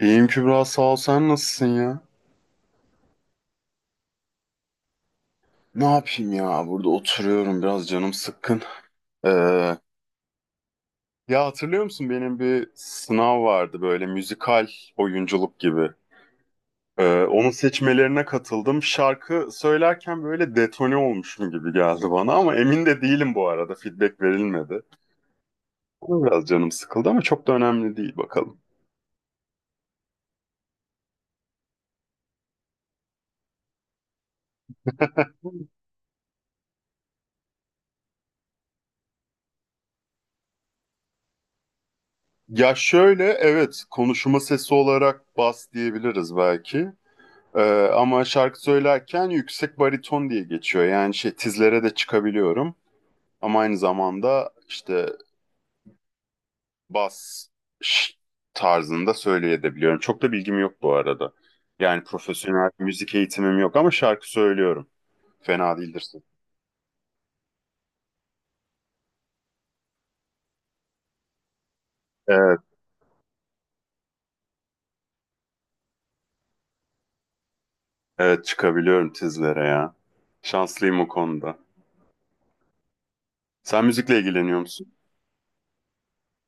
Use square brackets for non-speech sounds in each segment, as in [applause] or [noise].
İyiyim Kübra sağ ol, sen nasılsın ya? Ne yapayım ya, burada oturuyorum, biraz canım sıkkın. Ee, Ya hatırlıyor musun, benim bir sınav vardı, böyle müzikal oyunculuk gibi. Onun seçmelerine katıldım. Şarkı söylerken böyle detone olmuşum gibi geldi bana, ama emin de değilim, bu arada feedback verilmedi. Ona biraz canım sıkıldı, ama çok da önemli değil, bakalım. Ya şöyle, evet, konuşma sesi olarak bas diyebiliriz belki. Ee, Ama şarkı söylerken yüksek bariton diye geçiyor. Yani şey, tizlere de çıkabiliyorum. Ama aynı zamanda işte bas ş- tarzında söyleyebiliyorum. Çok da bilgim yok bu arada. Yani profesyonel müzik eğitimim yok ama şarkı söylüyorum. Fena değildirsin. Evet, evet, çıkabiliyorum tizlere ya. Şanslıyım o konuda. Sen müzikle ilgileniyor musun?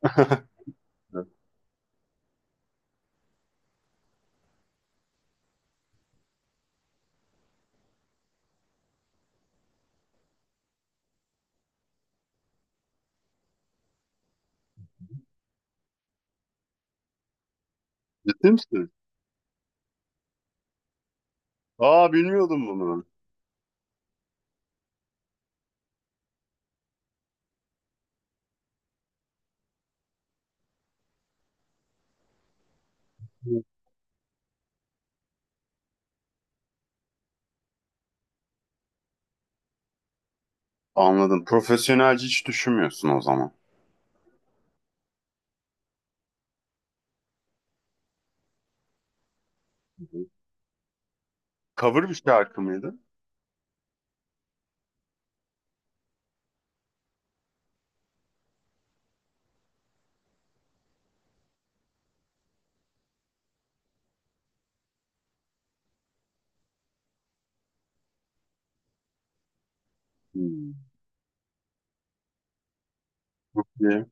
[laughs] Ciddi misin? Aa, bilmiyordum bunu. Anladım. Profesyonelce hiç düşünmüyorsun o zaman. Cover bir şarkı mıydı? Hmm. Niye?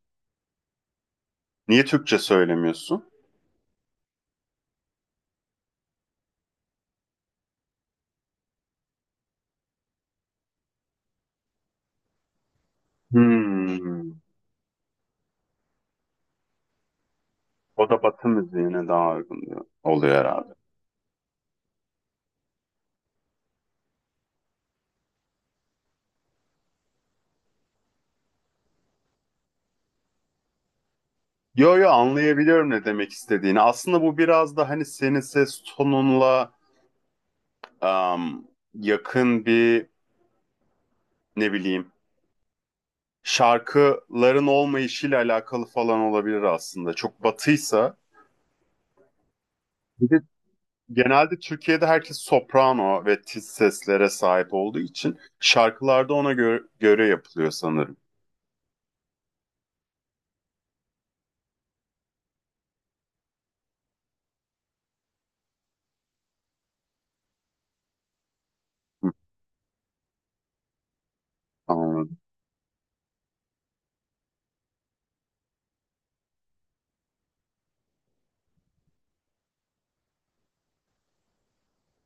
Niye Türkçe söylemiyorsun? Hmm. O da Batı müziğine daha uygun diyor- oluyor herhalde. Yo yo, anlayabiliyorum ne demek istediğini. Aslında bu biraz da hani, senin ses tonunla am, yakın bir, ne bileyim, şarkıların olmayışıyla alakalı falan olabilir aslında. Çok batıysa, bir de genelde Türkiye'de herkes soprano ve tiz seslere sahip olduğu için şarkılarda ona göre yapılıyor sanırım. Anladım.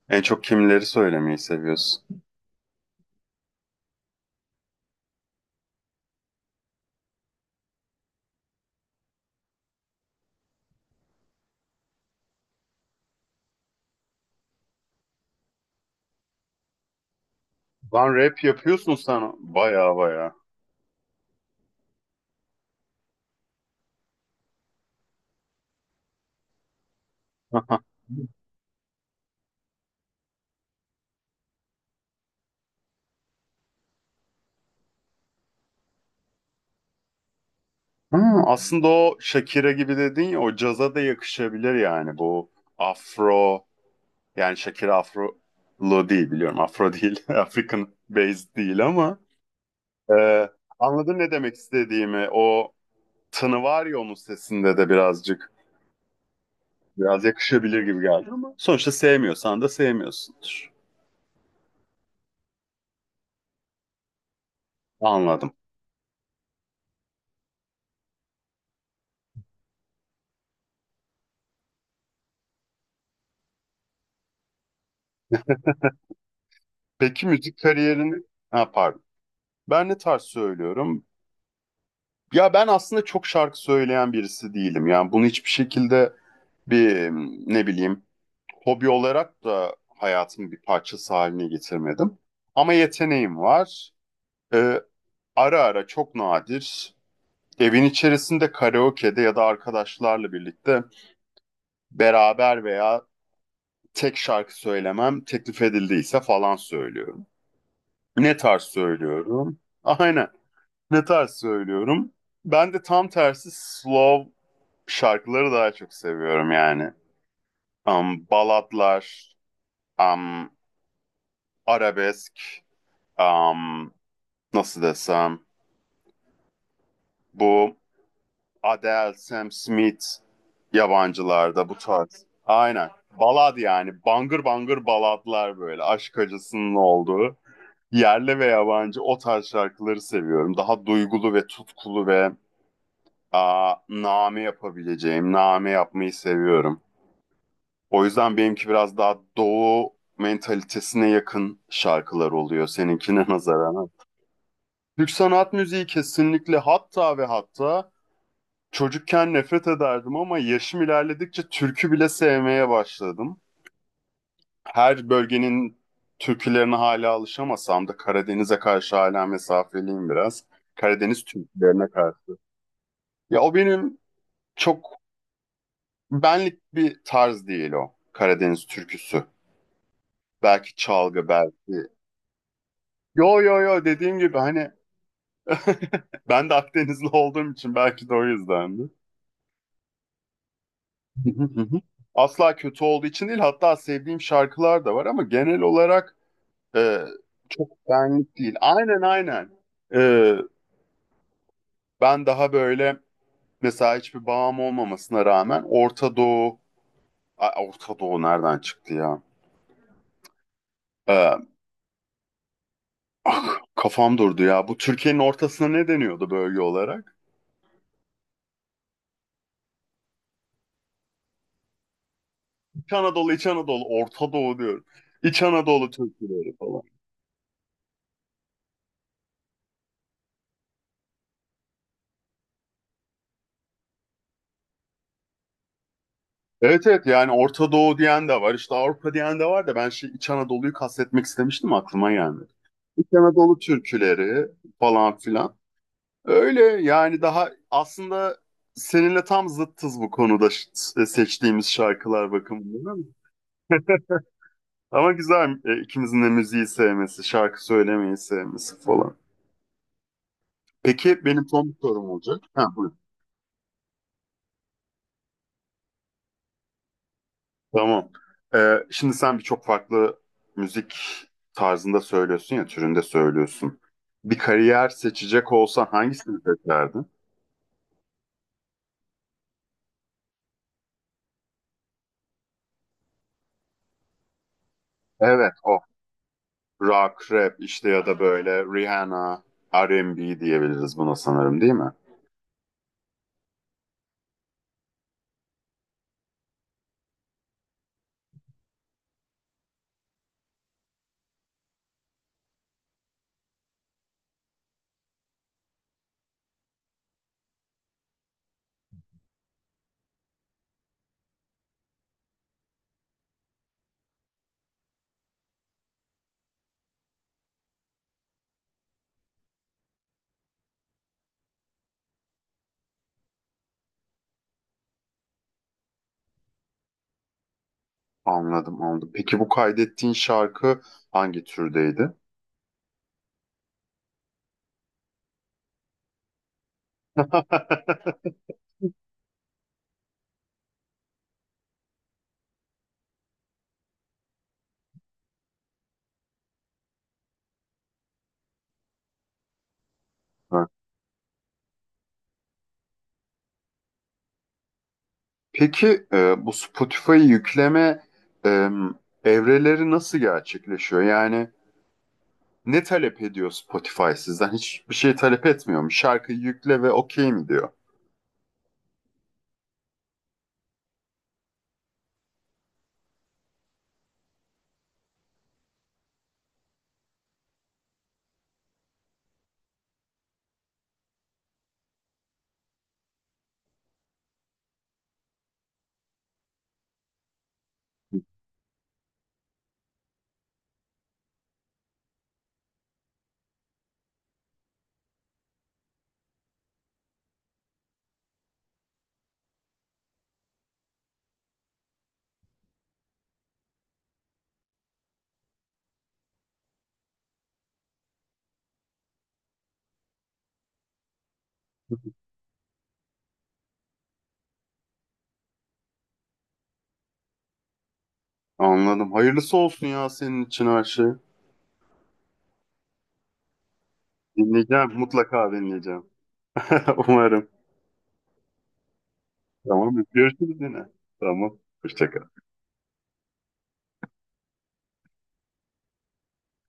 En çok kimleri söylemeyi seviyorsun? Lan, rap yapıyorsun sen. Baya baya. [laughs] Ha, aslında o Shakira gibi dedin ya, o caza da yakışabilir yani, bu afro, yani Shakira afrolu değil, biliyorum afro değil [laughs] African based değil, ama e, anladın ne demek istediğimi, o tını var ya onun sesinde de birazcık, biraz yakışabilir gibi geldi, ama sonuçta sevmiyorsan da sevmiyorsundur. Anladım. Peki müzik kariyerini, ha pardon, ben ne tarz söylüyorum? Ya ben aslında çok şarkı söyleyen birisi değilim. Yani bunu hiçbir şekilde bir, ne bileyim, hobi olarak da hayatımın bir parçası haline getirmedim. Ama yeteneğim var. Ee, Ara ara, çok nadir, evin içerisinde karaoke'de ya da arkadaşlarla birlikte beraber veya tek, şarkı söylemem teklif edildiyse falan söylüyorum. Ne tarz söylüyorum? Aynen. Ne tarz söylüyorum? Ben de tam tersi, slow şarkıları daha çok seviyorum yani. Balatlar, um, arabesk, um, nasıl desem, bu Adele, Sam Smith, yabancılarda bu tarz. Aynen. Balad yani. Bangır bangır baladlar böyle. Aşk acısının olduğu. Yerli ve yabancı o tarz şarkıları seviyorum. Daha duygulu ve tutkulu ve name yapabileceğim, name yapmayı seviyorum. O yüzden benimki biraz daha doğu mentalitesine yakın şarkılar oluyor seninkine [laughs] nazaran. Türk sanat müziği kesinlikle, hatta ve hatta çocukken nefret ederdim, ama yaşım ilerledikçe türkü bile sevmeye başladım. Her bölgenin türkülerine hala alışamasam da Karadeniz'e karşı hala mesafeliyim biraz. Karadeniz türkülerine karşı. Ya, o benim çok benlik bir tarz değil, o Karadeniz türküsü. Belki çalgı, belki... Yo yo yo, dediğim gibi hani [laughs] ben de Akdenizli olduğum için belki de o yüzdendi. [laughs] Asla kötü olduğu için değil, hatta sevdiğim şarkılar da var, ama genel olarak e, çok benlik değil. Aynen, aynen. E, Ben daha böyle, mesela hiçbir bağım olmamasına rağmen Orta Doğu... Ay, Orta Doğu nereden çıktı ya? E, Kafam durdu ya. Bu Türkiye'nin ortasına ne deniyordu bölge olarak? İç Anadolu, İç Anadolu, Orta Doğu diyorum. İç Anadolu türküleri falan. Evet, evet, yani Orta Doğu diyen de var işte, Avrupa diyen de var da, ben şey, İç Anadolu'yu kastetmek istemiştim, aklıma gelmedi. İç Anadolu türküleri falan filan. Öyle yani, daha aslında seninle tam zıttız bu konuda, seçtiğimiz şarkılar bakımından. Ama ama güzel, ikimizin de müziği sevmesi, şarkı söylemeyi sevmesi falan. Peki benim son bir sorum olacak. Ha, buyur. Tamam. Şimdi sen birçok farklı müzik tarzında söylüyorsun ya, türünde söylüyorsun. Bir kariyer seçecek olsan hangisini seçerdin? Evet, o. Rock, rap işte, ya da böyle Rihanna, R&B diyebiliriz buna sanırım, değil mi? Anladım, anladım. Peki bu kaydettiğin şarkı hangi türdeydi? [laughs] Ha. Peki bu Spotify yükleme e, evreleri nasıl gerçekleşiyor? Yani, ne talep ediyor Spotify sizden? Hiçbir şey talep etmiyor mu? Şarkıyı yükle ve okey mi diyor? [laughs] Anladım. Hayırlısı olsun ya, senin için her şey. Dinleyeceğim. Mutlaka dinleyeceğim. [laughs] Umarım. Tamam. Görüşürüz yine. Tamam. Hoşça kal.